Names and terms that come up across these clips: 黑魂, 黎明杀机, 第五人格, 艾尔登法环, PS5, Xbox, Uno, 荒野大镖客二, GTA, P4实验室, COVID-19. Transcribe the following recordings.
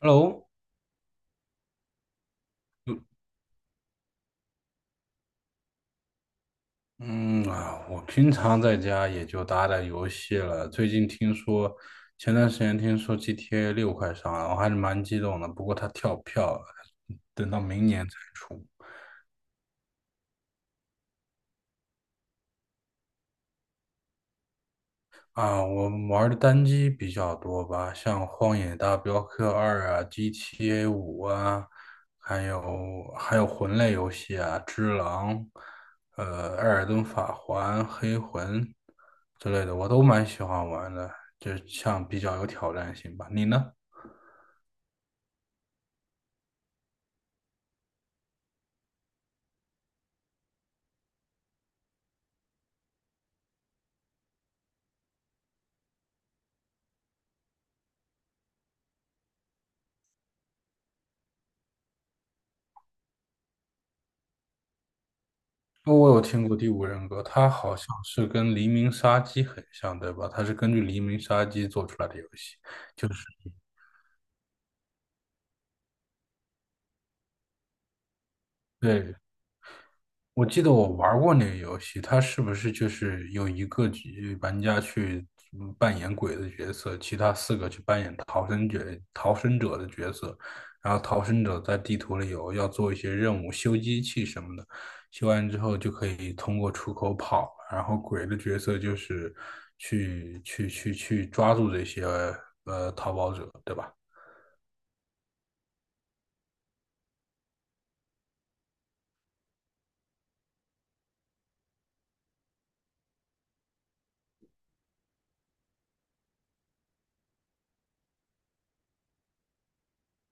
Hello，嗯啊，我平常在家也就打打游戏了。最近听说，前段时间听说 GTA 6快上了，我还是蛮激动的。不过它跳票了，等到明年才出。啊，我玩的单机比较多吧，像《荒野大镖客二》啊、GTA 5啊，还有魂类游戏啊，《只狼》、《艾尔登法环》、《黑魂》之类的，我都蛮喜欢玩的，就像比较有挑战性吧。你呢？哦，我有听过《第五人格》，它好像是跟《黎明杀机》很像，对吧？它是根据《黎明杀机》做出来的游戏。就是。对。我记得我玩过那个游戏，它是不是就是有一个局玩家去扮演鬼的角色，其他四个去扮演逃生者的角色，然后逃生者在地图里有要做一些任务，修机器什么的，修完之后就可以通过出口跑，然后鬼的角色就是去抓住这些逃跑者，对吧？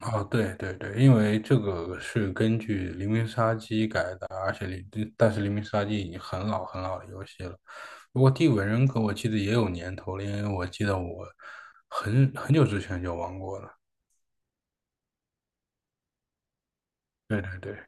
哦，对对对，因为这个是根据《黎明杀机》改的，而且黎，但是《黎明杀机》已经很老很老的游戏了。不过《第五人格》我记得也有年头了，因为我记得我很久之前就玩过了。对对对。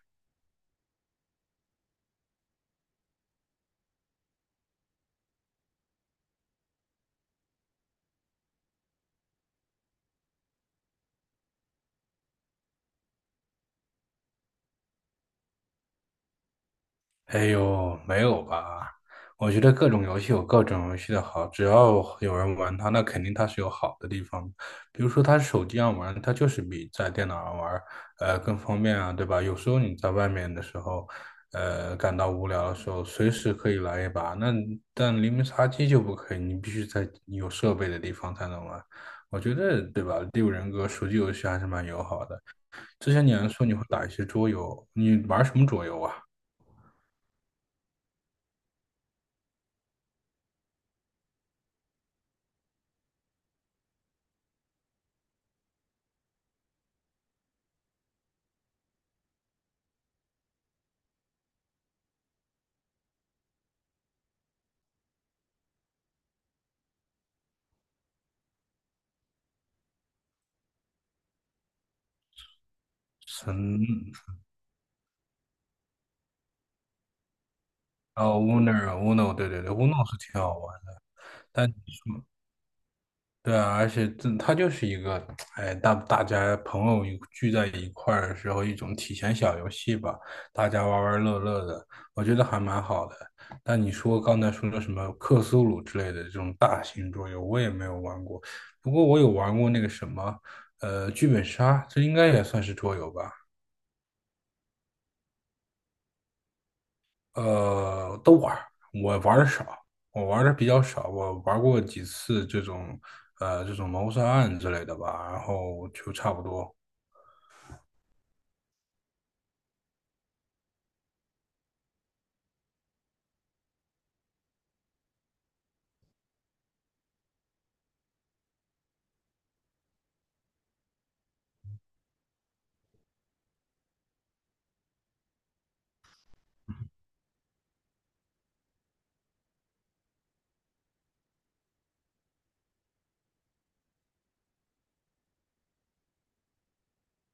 哎呦，没有吧？我觉得各种游戏有各种游戏的好，只要有人玩它，那肯定它是有好的地方。比如说，它手机上玩，它就是比在电脑上玩，更方便啊，对吧？有时候你在外面的时候，感到无聊的时候，随时可以来一把。那但黎明杀机就不可以，你必须在有设备的地方才能玩。我觉得，对吧？第五人格手机游戏还是蛮友好的。之前你还说你会打一些桌游，你玩什么桌游啊？神。哦，Uno，对对对，Uno 是挺好玩的。但你说对啊，而且它就是一个，哎，大家朋友一聚在一块儿的时候一种体闲小游戏吧，大家玩玩乐乐的，我觉得还蛮好的。但你说刚才说的什么克苏鲁之类的这种大型桌游，我也没有玩过，不过我有玩过那个什么，剧本杀，这应该也算是桌游吧。都玩儿，我玩的少，我玩的比较少，我玩过几次这种谋杀案之类的吧，然后就差不多。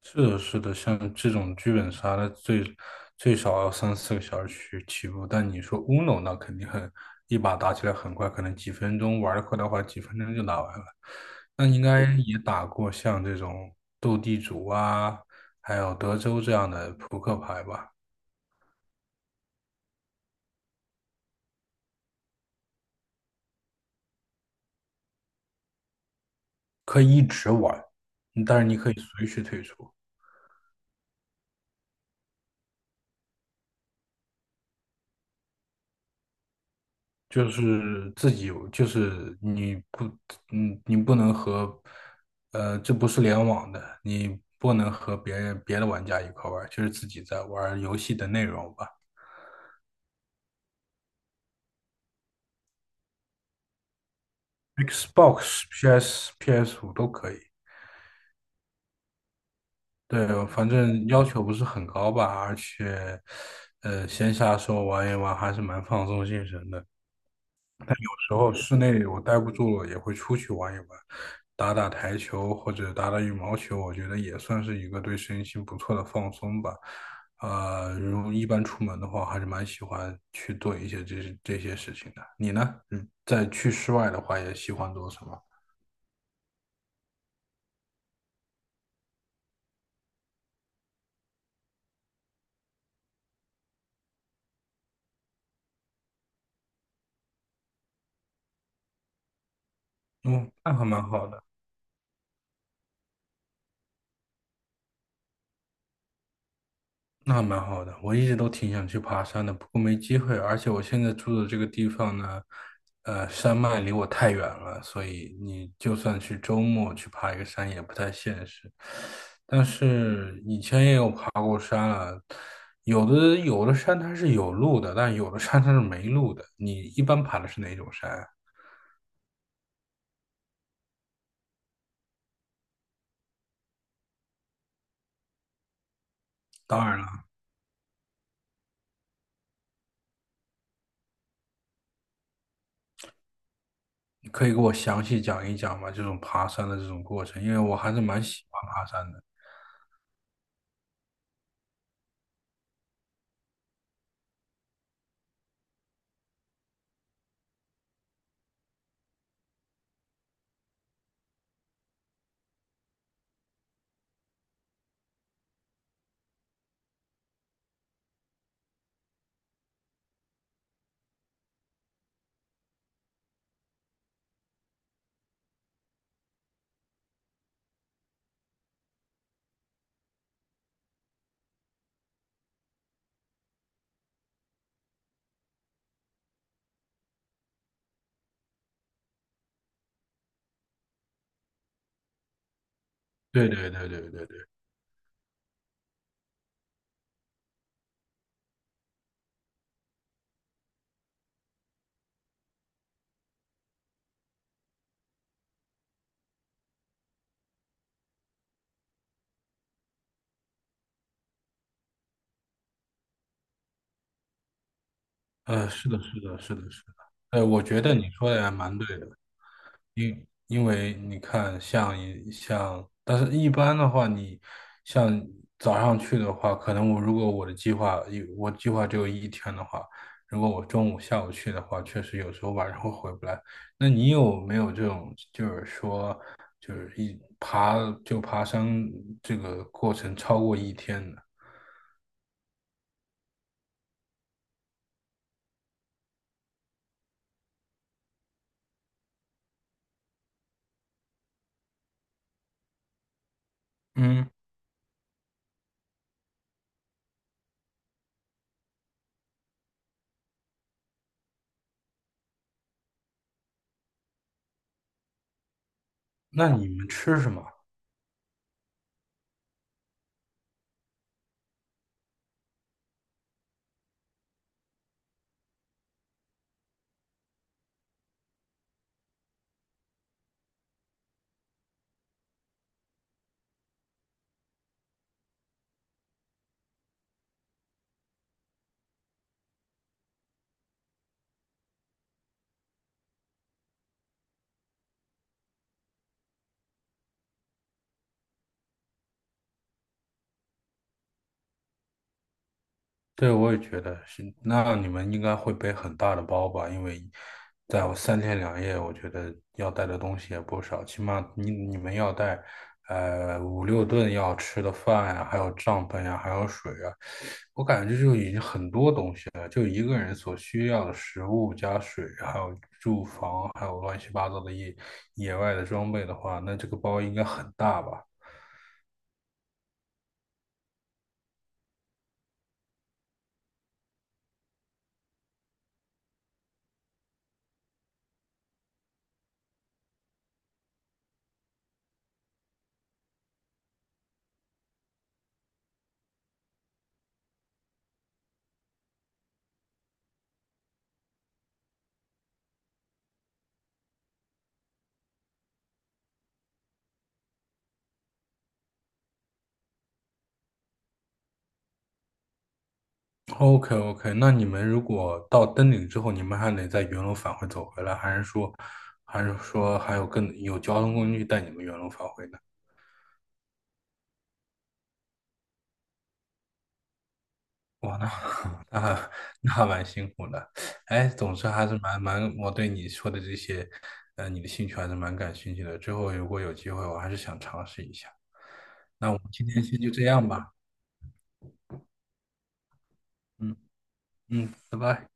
是的，是的，像这种剧本杀的最少要三四个小时去起步，但你说 Uno 那肯定一把打起来很快，可能几分钟玩的快的话，几分钟就打完了。那应该也打过像这种斗地主啊，还有德州这样的扑克牌吧。可以一直玩，但是你可以随时退出。就是自己有就是你不，嗯，你不能和，呃，这不是联网的，你不能和别的玩家一块玩，就是自己在玩游戏的内容吧。Xbox、PS、PS5 都可以，对，反正要求不是很高吧，闲暇时候玩一玩还是蛮放松精神的。然后室内我待不住了，也会出去玩一玩，打打台球或者打打羽毛球，我觉得也算是一个对身心不错的放松吧。如果一般出门的话，还是蛮喜欢去做一些这些事情的。你呢？嗯，去室外的话，也喜欢做什么？嗯，那还蛮好的。那蛮好的，我一直都挺想去爬山的，不过没机会。而且我现在住的这个地方呢，山脉离我太远了，所以你就算去周末去爬一个山也不太现实。但是以前也有爬过山了，有的有的山它是有路的，但有的山它是没路的。你一般爬的是哪种山啊？当然了，你可以给我详细讲一讲吗？这种爬山的这种过程，因为我还是蛮喜欢爬山的。对对对对对对。是的，是的，是的，是的。我觉得你说的也蛮对的。因为你看像，一像，但是一般的话，你像早上去的话，可能我如果我计划只有一天的话，如果我中午、下午去的话，确实有时候晚上会回不来。那你有没有这种，就是说，就是一爬就爬山这个过程超过一天的？嗯，那你们吃什么？对，我也觉得是。那你们应该会背很大的包吧？因为在我三天两夜，我觉得要带的东西也不少，起码你们要带，五六顿要吃的饭呀、还有帐篷呀、还有水啊。我感觉这就已经很多东西了，就一个人所需要的食物加水，还有住房，还有乱七八糟的野外的装备的话，那这个包应该很大吧？OK OK，那你们如果到登顶之后，你们还得在原路返回走回来，还是说，还是说还有更有交通工具带你们原路返回呢？哇，那 那那还蛮辛苦的。哎，总之还是蛮，我对你说的这些，你的兴趣还是蛮感兴趣的。之后如果有机会，我还是想尝试一下。那我们今天先就这样吧。嗯嗯，拜拜。